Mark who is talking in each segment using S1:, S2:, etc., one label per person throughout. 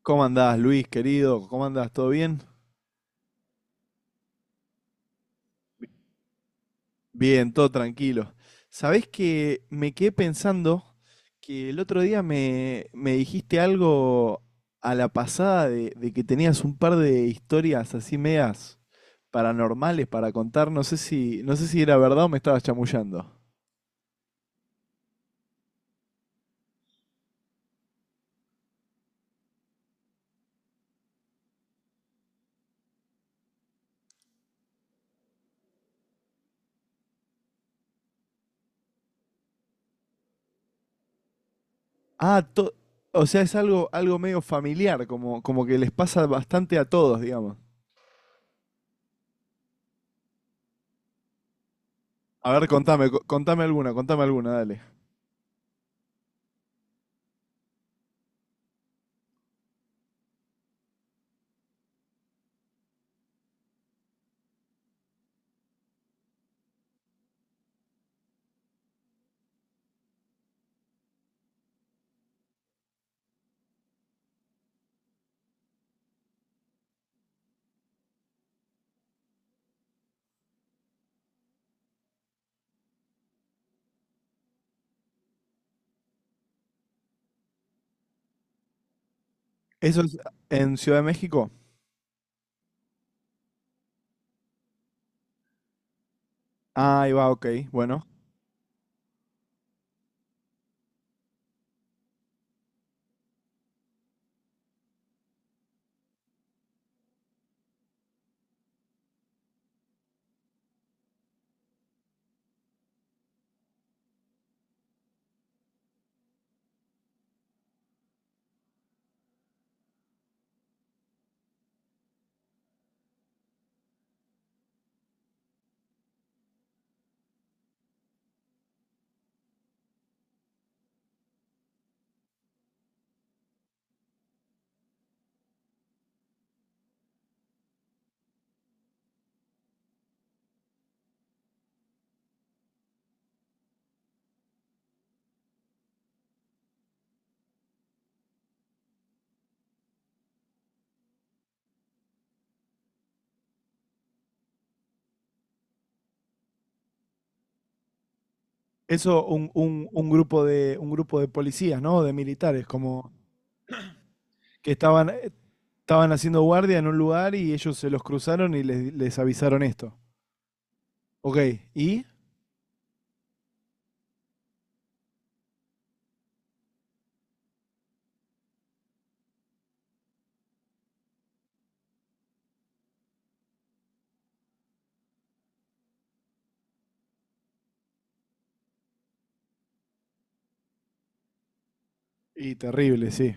S1: ¿Cómo andás, Luis, querido? ¿Cómo andás? ¿Todo bien? Bien, todo tranquilo. Sabés que me quedé pensando que el otro día me dijiste algo a la pasada de que tenías un par de historias así medias paranormales para contar. No sé si, no sé si era verdad o me estabas chamullando. Ah, to- o sea, es algo, algo medio familiar, como, como que les pasa bastante a todos, digamos. A ver, contame, contame alguna, dale. ¿Eso es en Ciudad de México? Ah, ahí va, ok. Bueno, eso un grupo de policías, ¿no? De militares, como que estaban estaban haciendo guardia en un lugar y ellos se los cruzaron y, les avisaron esto. Ok, ¿y? Y terrible, sí.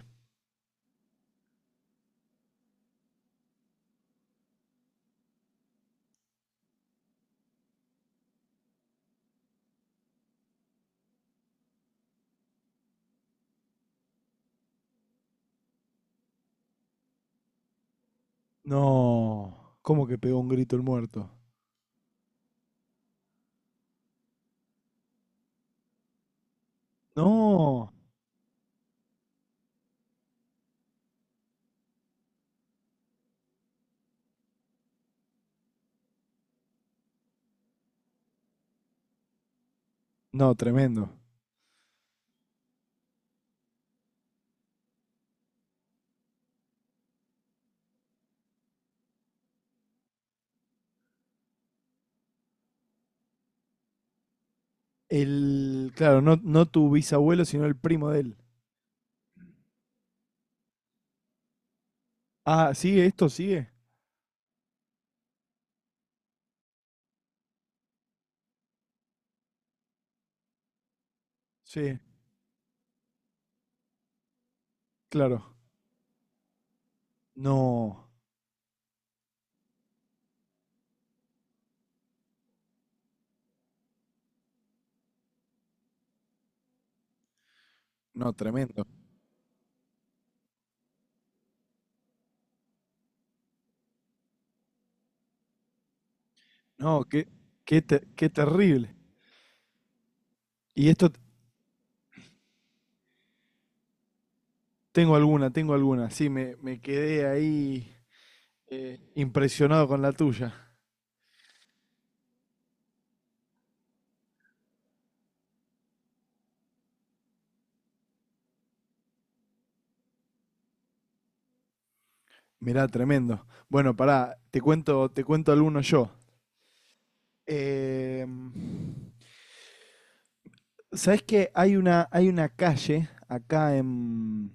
S1: No, ¿cómo que pegó un grito el muerto? No, no, tremendo. El, claro, no, no tu bisabuelo, sino el primo de él. Ah, ¿sigue esto? ¿Sigue? Sí, claro. No, no, tremendo. No, qué, qué terrible. Y esto tengo alguna, tengo alguna. Sí, me quedé ahí impresionado con la tuya. Mirá, tremendo. Bueno, pará, te cuento alguno yo. Eh, ¿Sabés que hay una calle acá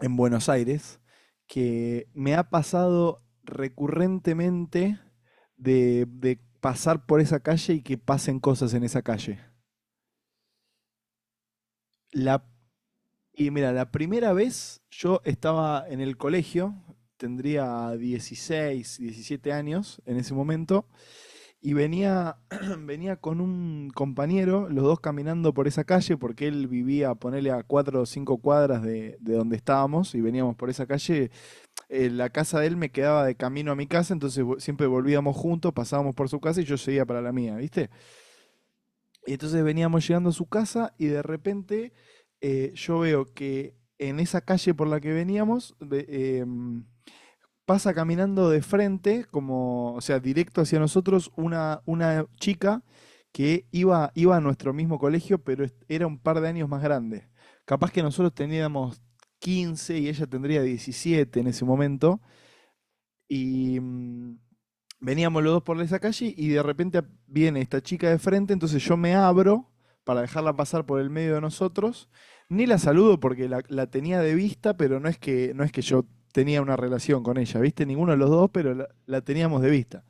S1: en Buenos Aires que me ha pasado recurrentemente de pasar por esa calle y que pasen cosas en esa calle? La Y mira, la primera vez yo estaba en el colegio, tendría 16, 17 años en ese momento, y venía, venía con un compañero, los dos caminando por esa calle, porque él vivía, ponele a 4 o 5 cuadras de donde estábamos, y veníamos por esa calle. La casa de él me quedaba de camino a mi casa, entonces siempre volvíamos juntos, pasábamos por su casa y yo seguía para la mía, ¿viste? Y entonces veníamos llegando a su casa y de repente yo veo que en esa calle por la que veníamos pasa caminando de frente, como, o sea, directo hacia nosotros, una chica que iba, iba a nuestro mismo colegio, pero era un par de años más grande. Capaz que nosotros teníamos 15 y ella tendría 17 en ese momento. Y veníamos los dos por esa calle y de repente viene esta chica de frente, entonces yo me abro para dejarla pasar por el medio de nosotros. Ni la saludo porque la tenía de vista, pero no es que, no es que yo tenía una relación con ella, ¿viste? Ninguno de los dos, pero la teníamos de vista.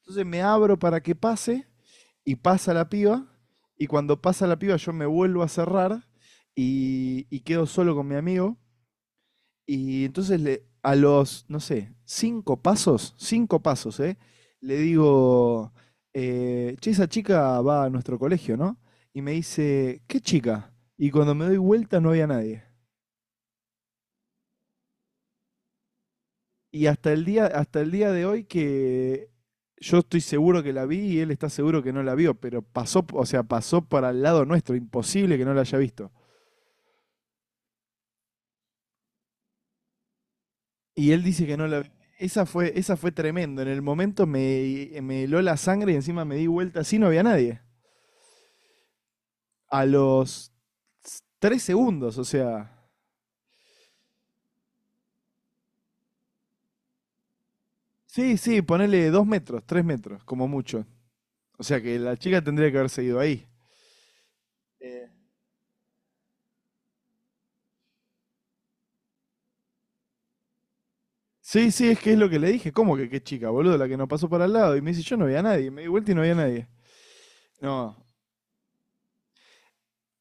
S1: Entonces me abro para que pase y pasa la piba y cuando pasa la piba yo me vuelvo a cerrar y quedo solo con mi amigo y entonces a los, no sé, cinco pasos, ¿eh? Le digo, che, esa chica va a nuestro colegio, ¿no? Y me dice, ¿qué chica? Y cuando me doy vuelta no había nadie. Y hasta el día de hoy que yo estoy seguro que la vi y él está seguro que no la vio, pero pasó, o sea, pasó para el lado nuestro, imposible que no la haya visto. Y él dice que no la. Esa fue tremendo. En el momento me heló la sangre y encima me di vuelta así, no había nadie. A los tres segundos, o sea. Sí, sí, ponele dos metros, tres metros, como mucho. O sea que la chica tendría que haber seguido ahí. Eh, Sí, sí, es que es lo que le dije. ¿Cómo que qué chica, boludo? La que no pasó para el lado. Y me dice, yo no veía a nadie. Me di vuelta y no había nadie. No.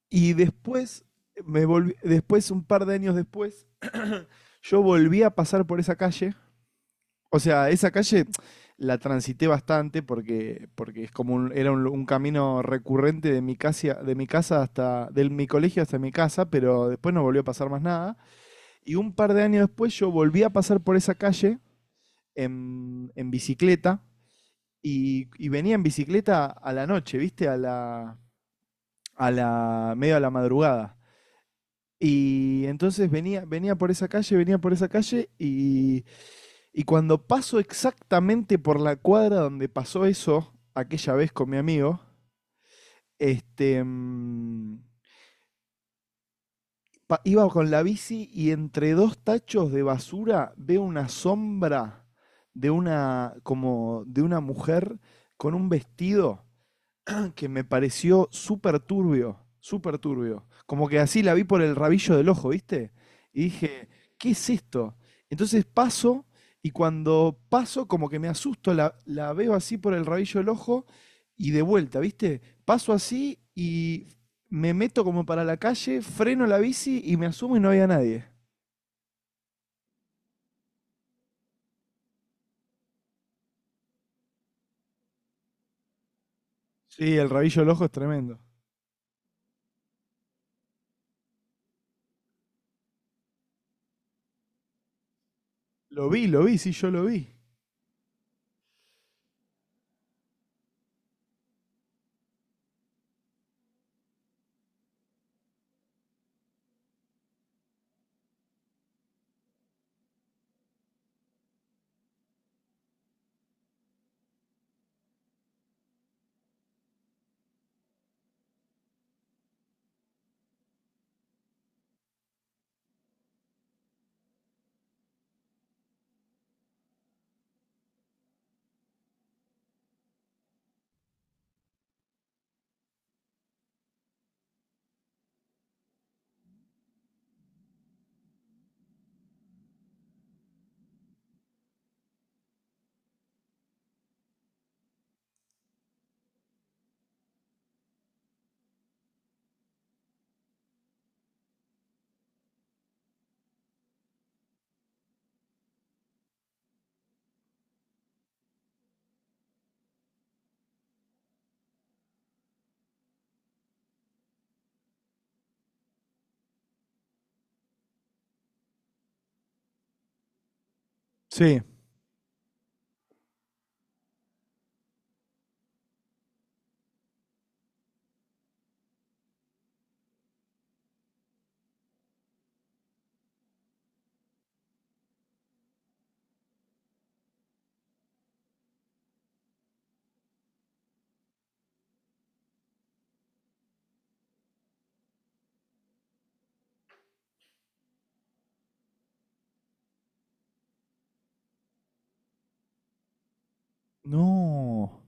S1: Y después, me volví, después, un par de años después, yo volví a pasar por esa calle. O sea, esa calle la transité bastante porque, porque es como era un camino recurrente de mi casa hasta, del mi colegio hasta mi casa, pero después no volvió a pasar más nada. Y un par de años después yo volví a pasar por esa calle en bicicleta y venía en bicicleta a la noche, ¿viste? A la, medio a la madrugada. Y entonces venía, venía por esa calle, venía por esa calle y Y cuando paso exactamente por la cuadra donde pasó eso, aquella vez con mi amigo, este, mm, iba con la bici y entre dos tachos de basura veo una sombra de una, como de una mujer con un vestido que me pareció súper turbio, súper turbio. Como que así la vi por el rabillo del ojo, ¿viste? Y dije, ¿qué es esto? Entonces paso y cuando paso como que me asusto, la veo así por el rabillo del ojo y de vuelta, ¿viste? Paso así y me meto como para la calle, freno la bici y me asumo y no había nadie. Sí, el rabillo del ojo es tremendo. Lo vi, sí, yo lo vi. Sí. No,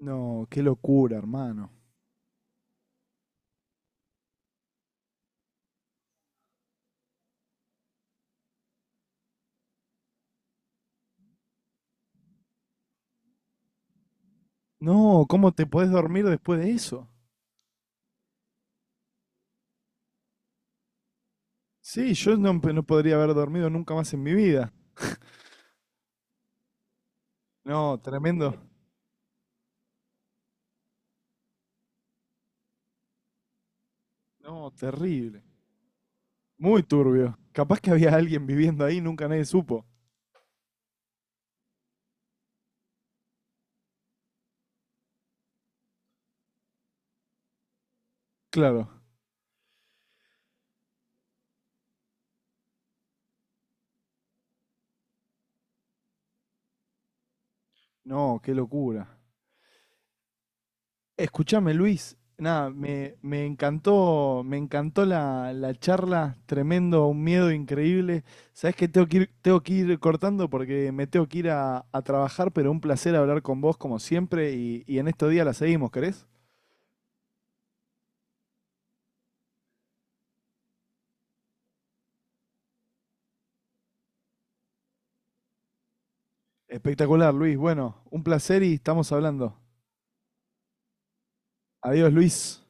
S1: no, qué locura, hermano. No, ¿cómo te podés dormir después de eso? Sí, yo no, no podría haber dormido nunca más en mi vida. No, tremendo. No, terrible. Muy turbio. Capaz que había alguien viviendo ahí, nunca nadie supo. Claro. No, qué locura. Escúchame, Luis. Nada, me, me encantó la charla, tremendo, un miedo increíble. Sabés que tengo que ir cortando porque me tengo que ir a trabajar, pero un placer hablar con vos como siempre y en estos días la seguimos, ¿querés? Espectacular, Luis. Bueno, un placer y estamos hablando. Adiós, Luis.